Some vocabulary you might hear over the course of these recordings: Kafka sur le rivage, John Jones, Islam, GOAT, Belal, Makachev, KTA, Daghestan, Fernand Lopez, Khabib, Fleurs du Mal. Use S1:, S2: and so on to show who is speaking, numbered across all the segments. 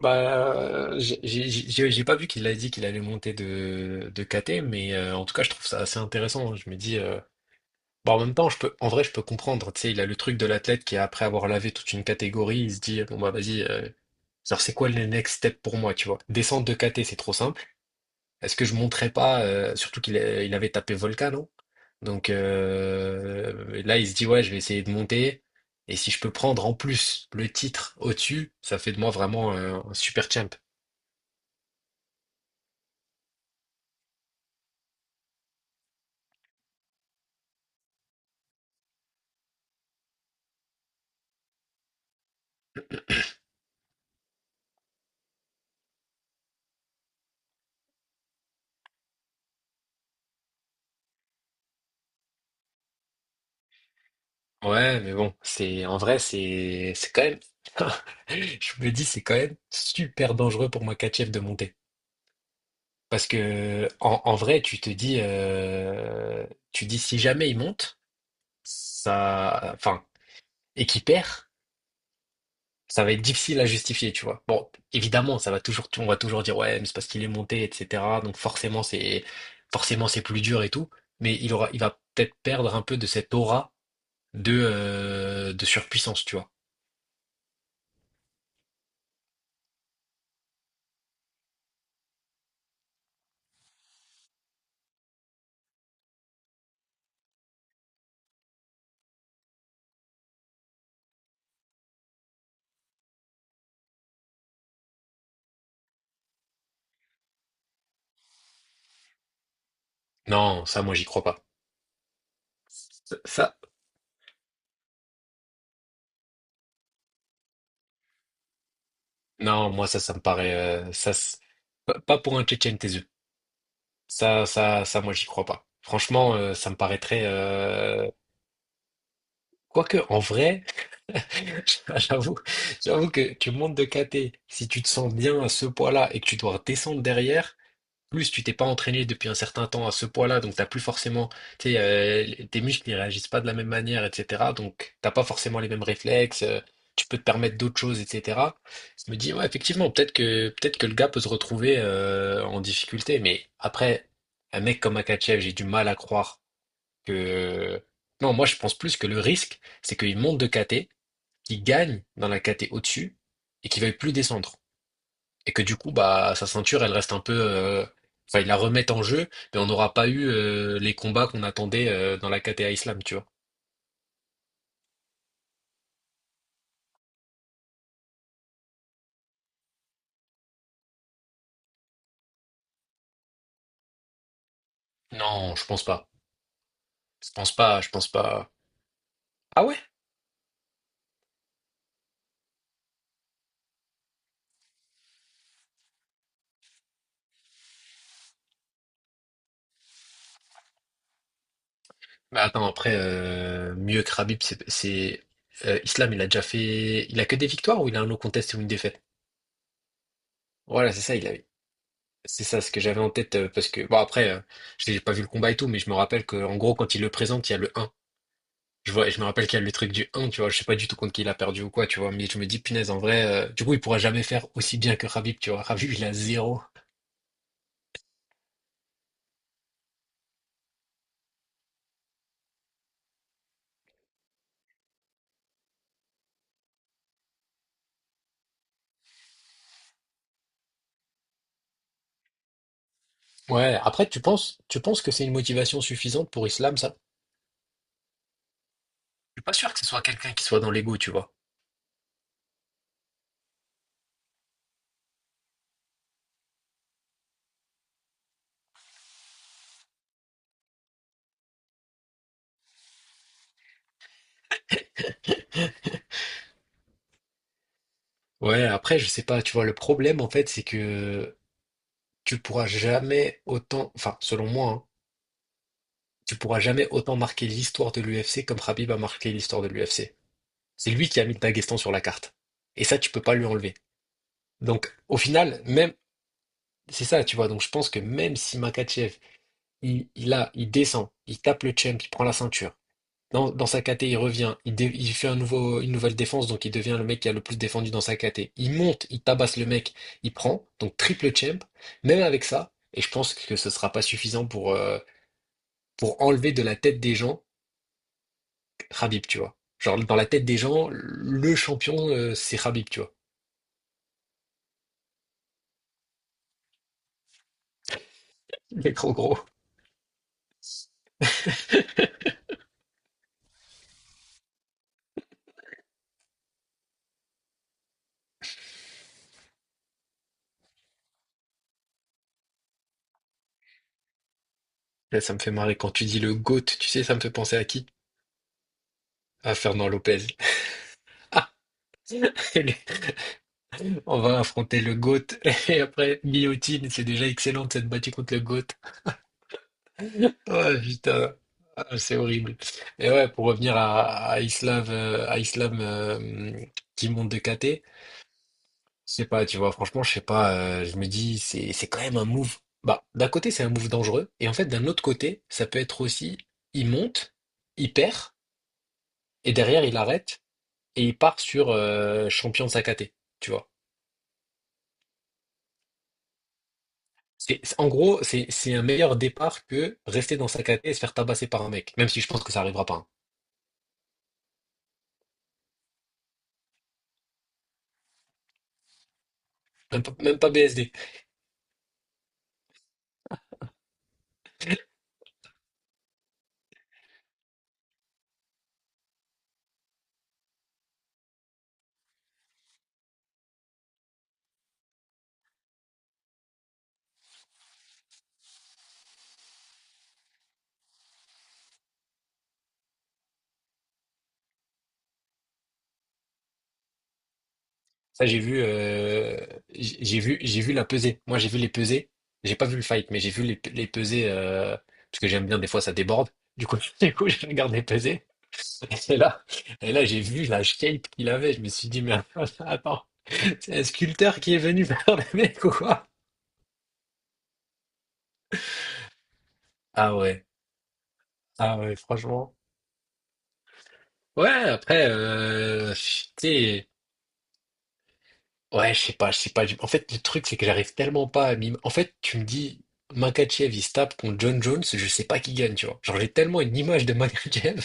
S1: Bah, j'ai pas vu qu'il a dit qu'il allait monter de KT, mais en tout cas, je trouve ça assez intéressant. Je me dis, bah, en même temps, je peux, en vrai, je peux comprendre. Tu sais, il a le truc de l'athlète qui, après avoir lavé toute une catégorie, il se dit, bon, bah, vas-y, genre, c'est quoi le next step pour moi, tu vois? Descendre de KT, c'est trop simple. Est-ce que je monterais pas, surtout il avait tapé Volcano. Donc, là, il se dit, ouais, je vais essayer de monter. Et si je peux prendre en plus le titre au-dessus, ça fait de moi vraiment un super champ. Ouais, mais bon, c'est, en vrai, c'est quand même. Je me dis, c'est quand même super dangereux pour moi, Kachev, de monter. Parce que en vrai, tu te dis, tu dis si jamais il monte, ça, enfin, et qu'il perd, ça va être difficile à justifier, tu vois. Bon, évidemment, ça va toujours, on va toujours dire ouais, mais c'est parce qu'il est monté, etc. Donc forcément c'est plus dur et tout. Mais il va peut-être perdre un peu de cette aura de surpuissance, tu vois. Non, ça, moi, j'y crois pas. Ça, non, moi, ça me paraît, pas pour un Tchétchène, tes yeux. Ça, moi, j'y crois pas. Franchement, ça me paraîtrait. Quoique, en vrai, j'avoue, j'avoue que tu montes de caté. Si tu te sens bien à ce poids-là et que tu dois descendre derrière, plus, tu t'es pas entraîné depuis un certain temps à ce poids-là, donc t'as plus forcément, tu sais, tes muscles ils réagissent pas de la même manière, etc. Donc t'as pas forcément les mêmes réflexes, tu peux te permettre d'autres choses, etc. Je me dis, ouais, effectivement, peut-être que le gars peut se retrouver en difficulté, mais après, un mec comme Akachev, j'ai du mal à croire que. Non, moi je pense plus que le risque, c'est qu'il monte de KT, qu'il gagne dans la KT au-dessus et qu'il veuille plus descendre et que du coup, bah, sa ceinture, elle reste un peu. Enfin, ils la remettent en jeu, mais on n'aura pas eu les combats qu'on attendait dans la KTA Islam, tu vois. Non, je pense pas. Je pense pas, je pense pas. Ah ouais? Mais attends, après, mieux que Khabib, Islam, il a déjà fait. Il a que des victoires ou il a un no contest ou une défaite? Voilà, c'est ça, il a. C'est ça ce que j'avais en tête, parce que. Bon, après, j'ai pas vu le combat et tout, mais je me rappelle qu'en gros, quand il le présente, il y a le un. Je vois, et je me rappelle qu'il y a le truc du un, tu vois, je sais pas du tout contre qui il a perdu ou quoi, tu vois, mais je me dis, punaise, en vrai, du coup, il pourra jamais faire aussi bien que Khabib, tu vois. Khabib, il a zéro. Ouais, après, tu penses que c'est une motivation suffisante pour Islam, ça? Je suis pas sûr que ce soit quelqu'un qui soit dans l'ego, tu vois. Ouais, après, je sais pas, tu vois, le problème, en fait, c'est que tu pourras jamais autant, enfin, selon moi, hein, tu pourras jamais autant marquer l'histoire de l'UFC comme Khabib a marqué l'histoire de l'UFC. C'est lui qui a mis le Daghestan sur la carte. Et ça, tu peux pas lui enlever. Donc, au final, même, c'est ça, tu vois. Donc je pense que même si Makachev, il descend, il tape le champ, il prend la ceinture. Dans sa KT, il revient, il fait une nouvelle défense, donc il devient le mec qui a le plus défendu dans sa KT. Il monte, il tabasse le mec, il prend, donc triple champ, même avec ça, et je pense que ce sera pas suffisant pour enlever de la tête des gens Khabib, tu vois. Genre, dans la tête des gens, le champion, c'est Khabib, tu vois. Il est trop gros. Là, ça me fait marrer quand tu dis le GOAT, tu sais, ça me fait penser à qui? À Fernand Lopez. Ah, on va affronter le GOAT. Et après, guillotine, c'est déjà excellent de s'être battu contre le GOAT. Oh putain, ah, c'est horrible. Et ouais, pour revenir à Islam, qui monte de KT, je sais pas, tu vois, franchement, je sais pas, je me dis, c'est quand même un move. Bah, d'un côté, c'est un move dangereux. Et en fait, d'un autre côté, ça peut être aussi, il monte, il perd, et derrière, il arrête, et il part sur champion de sa KT, tu vois. En gros, c'est un meilleur départ que rester dans sa caté et se faire tabasser par un mec, même si je pense que ça arrivera pas, hein. Même pas BSD. Ça, j'ai vu la pesée. Moi, j'ai vu les pesées. J'ai pas vu le fight, mais j'ai vu les pesées parce que j'aime bien. Des fois, ça déborde. Du coup, du coup, je regarde les pesées. Et là, et là, j'ai vu la shape qu'il avait. Je me suis dit, mais attends, c'est un sculpteur qui est venu faire le mec ou quoi? Ah ouais, ah ouais, franchement. Ouais, après, tu sais. Ouais, je sais pas, je sais pas. En fait, le truc, c'est que j'arrive tellement pas à m'im... En fait, tu me dis, Makachev, il se tape contre John Jones, je sais pas qui gagne, tu vois. Genre, j'ai tellement une image de Makachev.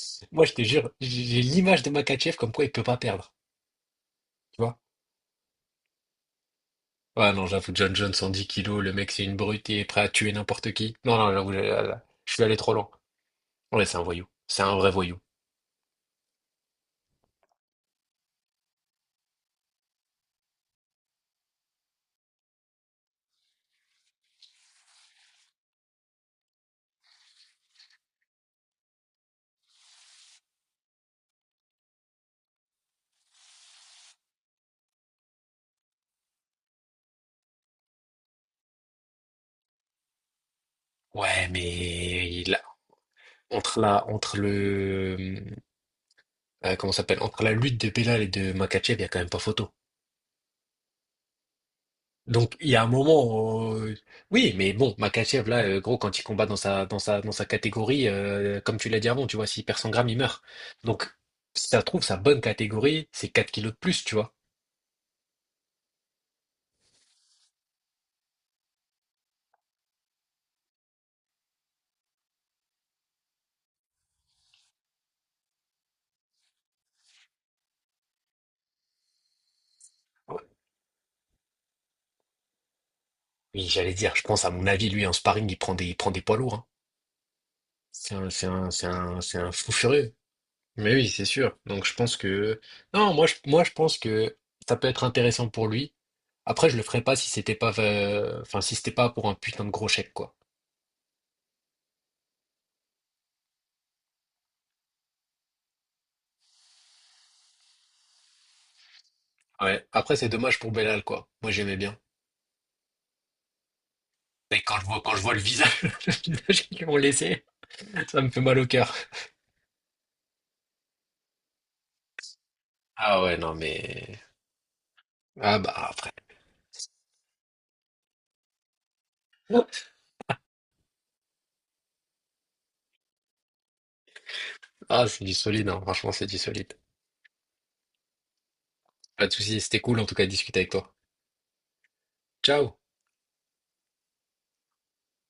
S1: Moi, je te jure, j'ai l'image de Makachev comme quoi il peut pas perdre, tu vois. Ouais, non, j'avoue, John Jones, 110 kilos, le mec, c'est une brute, il est prêt à tuer n'importe qui. Non, non, j'avoue, là, là, je suis allé trop loin. Ouais, c'est un voyou. C'est un vrai voyou. Ouais, mais il a- entre la, entre le, comment ça s'appelle, entre la lutte de Belal et de Makachev, il y a quand même pas photo. Donc il y a un moment, oui, mais bon, Makachev là, gros, quand il combat dans sa catégorie, comme tu l'as dit avant, tu vois, s'il perd 100 grammes, il meurt. Donc si ça se trouve sa bonne catégorie, c'est 4 kilos de plus, tu vois. Oui, j'allais dire, je pense à mon avis, lui en sparring, il prend des poids lourds, hein. C'est un fou furieux. Mais oui, c'est sûr. Donc je pense que non, moi je pense que ça peut être intéressant pour lui. Après, je le ferais pas si c'était pas enfin si c'était pas pour un putain de gros chèque, quoi. Ouais. Après, c'est dommage pour Bellal, quoi. Moi, j'aimais bien. Mais quand je vois le visage, le visage qu'ils m'ont laissé, ça me fait mal au cœur. Ah ouais, non, mais. Ah bah, après. Ah, c'est du solide, hein. Franchement, c'est du solide. Pas de soucis, c'était cool en tout cas de discuter avec toi. Ciao!